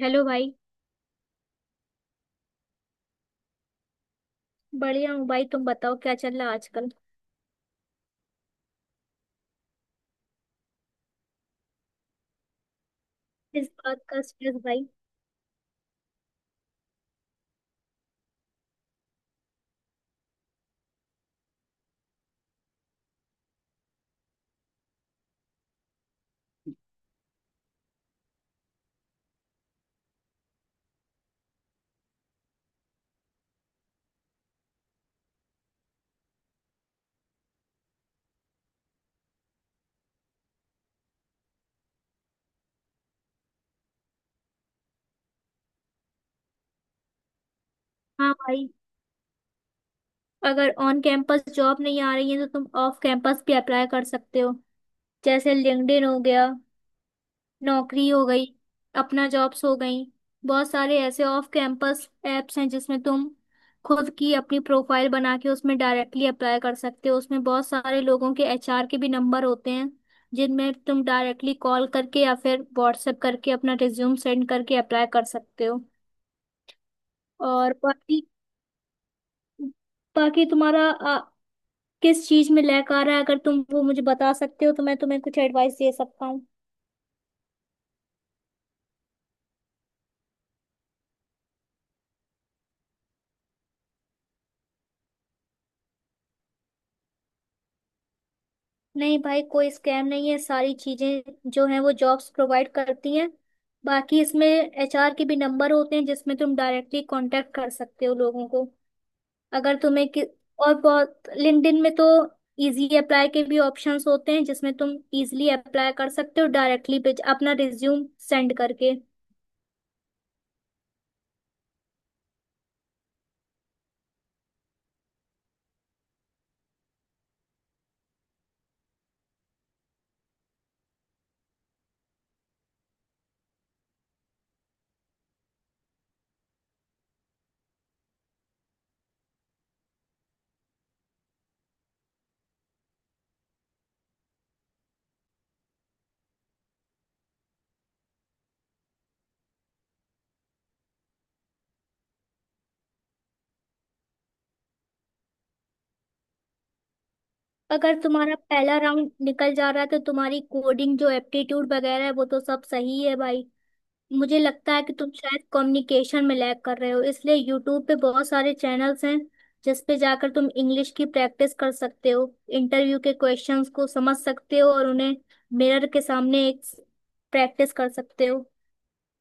Hello भाई। बढ़िया हूँ भाई, तुम बताओ क्या चल रहा है आजकल। इस बात का स्ट्रेस भाई? हाँ भाई, अगर ऑन कैंपस जॉब नहीं आ रही है तो तुम ऑफ कैंपस भी अप्लाई कर सकते हो। जैसे लिंक्डइन हो गया, नौकरी हो गई, अपना जॉब्स हो गई। बहुत सारे ऐसे ऑफ कैंपस एप्स हैं जिसमें तुम खुद की अपनी प्रोफाइल बना के उसमें डायरेक्टली अप्लाई कर सकते हो। उसमें बहुत सारे लोगों के एचआर के भी नंबर होते हैं जिनमें तुम डायरेक्टली कॉल करके या फिर व्हाट्सएप करके अपना रिज्यूम सेंड करके अप्लाई कर सकते हो। और बाकी बाकी तुम्हारा किस चीज में लैक आ रहा है, अगर तुम वो मुझे बता सकते हो तो मैं तुम्हें कुछ एडवाइस दे सकता हूँ। नहीं भाई, कोई स्कैम नहीं है, सारी चीजें जो हैं वो जॉब्स प्रोवाइड करती हैं। बाकी इसमें एचआर के भी नंबर होते हैं जिसमें तुम डायरेक्टली कांटेक्ट कर सकते हो लोगों को। अगर तुम्हें कि... और बहुत लिंक्डइन में तो इजी अप्लाई के भी ऑप्शंस होते हैं जिसमें तुम इजीली अप्लाई कर सकते हो डायरेक्टली अपना रिज्यूम सेंड करके। अगर तुम्हारा पहला राउंड निकल जा रहा है तो तुम्हारी कोडिंग जो एप्टीट्यूड वगैरह है वो तो सब सही है भाई। मुझे लगता है कि तुम शायद कम्युनिकेशन में लैग कर रहे हो, इसलिए यूट्यूब पे बहुत सारे चैनल्स हैं जिस पे जाकर तुम इंग्लिश की प्रैक्टिस कर सकते हो, इंटरव्यू के क्वेश्चंस को समझ सकते हो और उन्हें मिरर के सामने एक प्रैक्टिस कर सकते हो।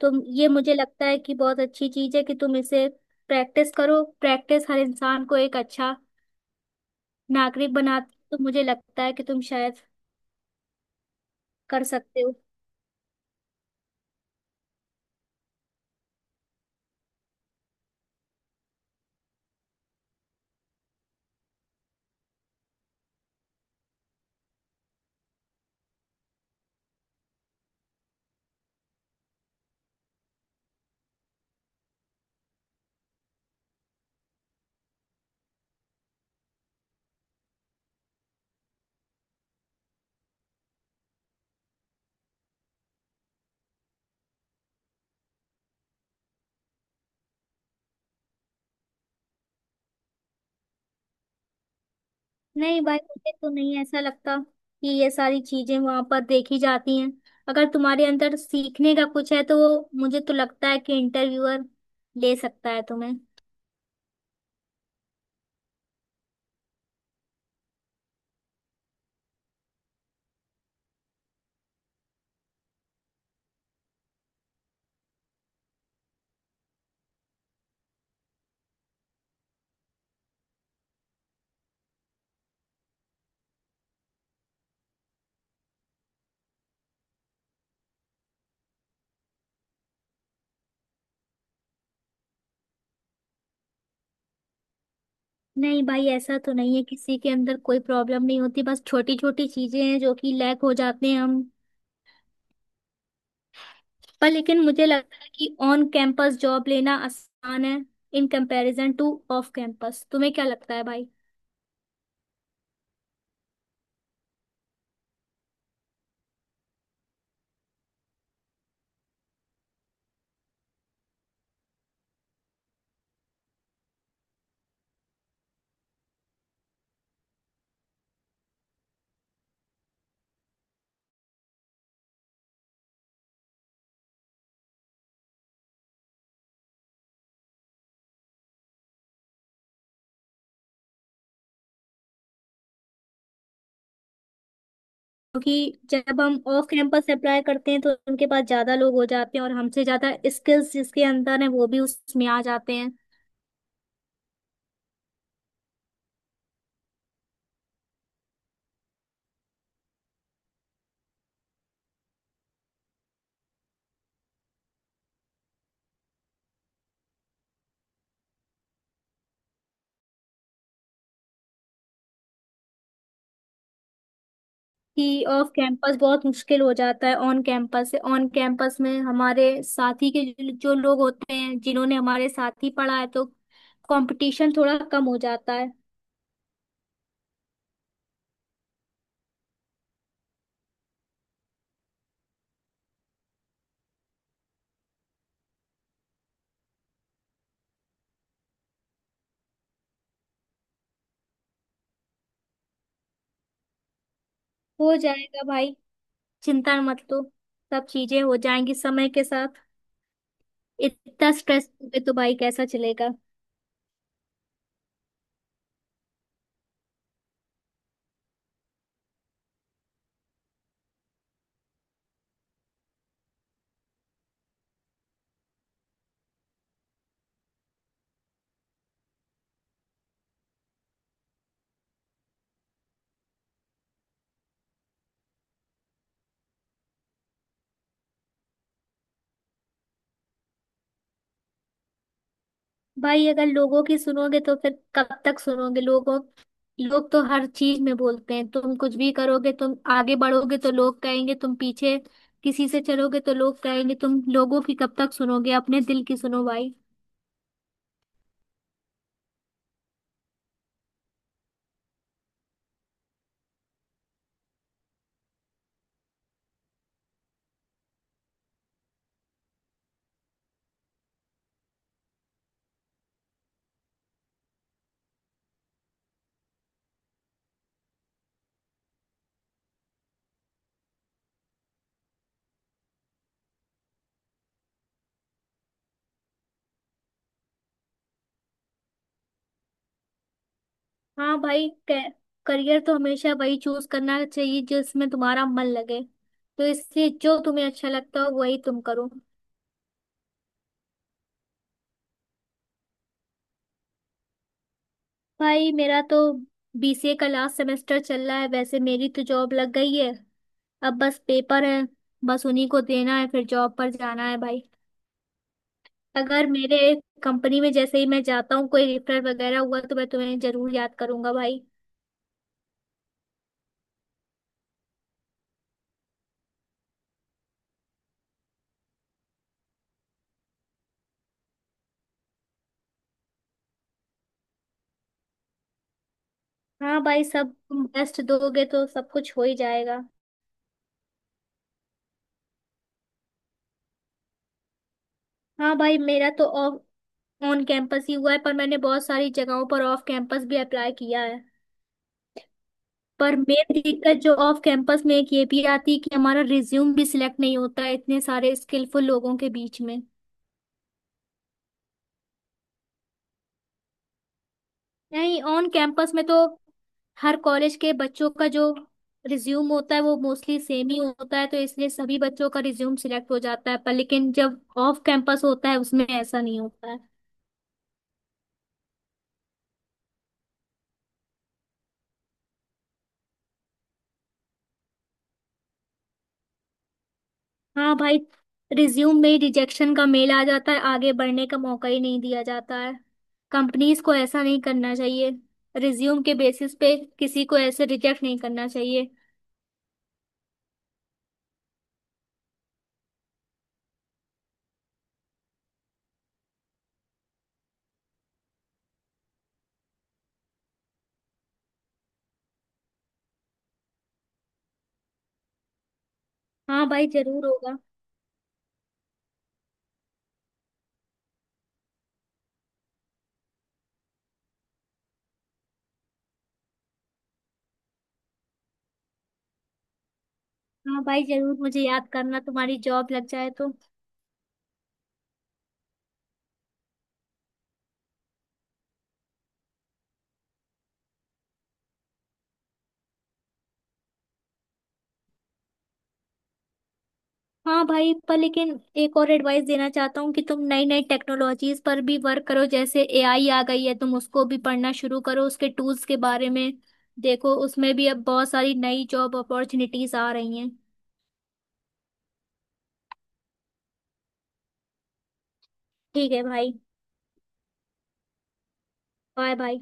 तो ये मुझे लगता है कि बहुत अच्छी चीज है कि तुम इसे प्रैक्टिस करो। प्रैक्टिस हर इंसान को एक अच्छा नागरिक बनाती है, तो मुझे लगता है कि तुम शायद कर सकते हो। नहीं भाई, मुझे तो नहीं ऐसा लगता कि ये सारी चीजें वहां पर देखी जाती हैं। अगर तुम्हारे अंदर सीखने का कुछ है तो वो मुझे तो लगता है कि इंटरव्यूअर ले सकता है तुम्हें। नहीं भाई, ऐसा तो नहीं है, किसी के अंदर कोई प्रॉब्लम नहीं होती, बस छोटी छोटी चीजें हैं जो कि लैक हो जाते हैं हम पर। लेकिन मुझे लगता है कि ऑन कैंपस जॉब लेना आसान है in comparison to off campus. तुम्हें क्या लगता है भाई? क्योंकि जब हम ऑफ कैंपस अप्लाई करते हैं तो उनके पास ज्यादा लोग हो जाते हैं और हमसे ज्यादा स्किल्स जिसके अंदर है वो भी उसमें आ जाते हैं। कि ऑफ कैंपस बहुत मुश्किल हो जाता है ऑन कैंपस से। ऑन कैंपस में हमारे साथी के जो जो लोग होते हैं जिन्होंने हमारे साथ ही पढ़ा है, तो कंपटीशन थोड़ा कम हो जाता है। हो जाएगा भाई, चिंता मत लो, सब चीजें हो जाएंगी समय के साथ। इतना स्ट्रेस तो भाई कैसा चलेगा। भाई अगर लोगों की सुनोगे तो फिर कब तक सुनोगे लोगों? लोग तो हर चीज में बोलते हैं, तुम कुछ भी करोगे, तुम आगे बढ़ोगे तो लोग कहेंगे तुम पीछे, किसी से चलोगे तो लोग कहेंगे। तुम लोगों की कब तक सुनोगे? अपने दिल की सुनो भाई। हाँ भाई, करियर तो हमेशा वही चूज करना चाहिए जिसमें तुम्हारा मन लगे। तो इससे जो तुम्हें अच्छा लगता हो वही तुम करो। भाई मेरा तो बीसीए का लास्ट सेमेस्टर चल रहा है, वैसे मेरी तो जॉब लग गई है। अब बस पेपर है, बस उन्हीं को देना है, फिर जॉब पर जाना है भाई। अगर मेरे कंपनी में जैसे ही मैं जाता हूँ कोई रेफर वगैरह हुआ तो मैं तुम्हें जरूर याद करूंगा भाई। हाँ भाई, सब तुम बेस्ट दोगे तो सब कुछ हो ही जाएगा। हाँ भाई, मेरा तो ऑफ ऑन कैंपस ही हुआ है, पर मैंने बहुत सारी जगहों पर ऑफ कैंपस भी अप्लाई किया है। पर मेन दिक्कत जो ऑफ कैंपस में एक ये भी आती है कि हमारा रिज्यूम भी सिलेक्ट नहीं होता है इतने सारे स्किलफुल लोगों के बीच में। नहीं, ऑन कैंपस में तो हर कॉलेज के बच्चों का जो रिज्यूम होता है वो मोस्टली सेम ही होता है, तो इसलिए सभी बच्चों का रिज्यूम सिलेक्ट हो जाता है। पर लेकिन जब ऑफ कैंपस होता है उसमें ऐसा नहीं होता है। हाँ भाई, रिज्यूम में रिजेक्शन का मेल आ जाता है, आगे बढ़ने का मौका ही नहीं दिया जाता है। कंपनीज को ऐसा नहीं करना चाहिए, रिज्यूम के बेसिस पे किसी को ऐसे रिजेक्ट नहीं करना चाहिए। हाँ भाई, जरूर होगा। हाँ भाई, जरूर मुझे याद करना, तुम्हारी जॉब लग जाए तो। हाँ भाई, पर लेकिन एक और एडवाइस देना चाहता हूँ कि तुम नई नई टेक्नोलॉजीज पर भी वर्क करो। जैसे एआई आ गई है, तुम उसको भी पढ़ना शुरू करो, उसके टूल्स के बारे में देखो। उसमें भी अब बहुत सारी नई जॉब अपॉर्चुनिटीज आ रही हैं। ठीक है भाई, बाय बाय।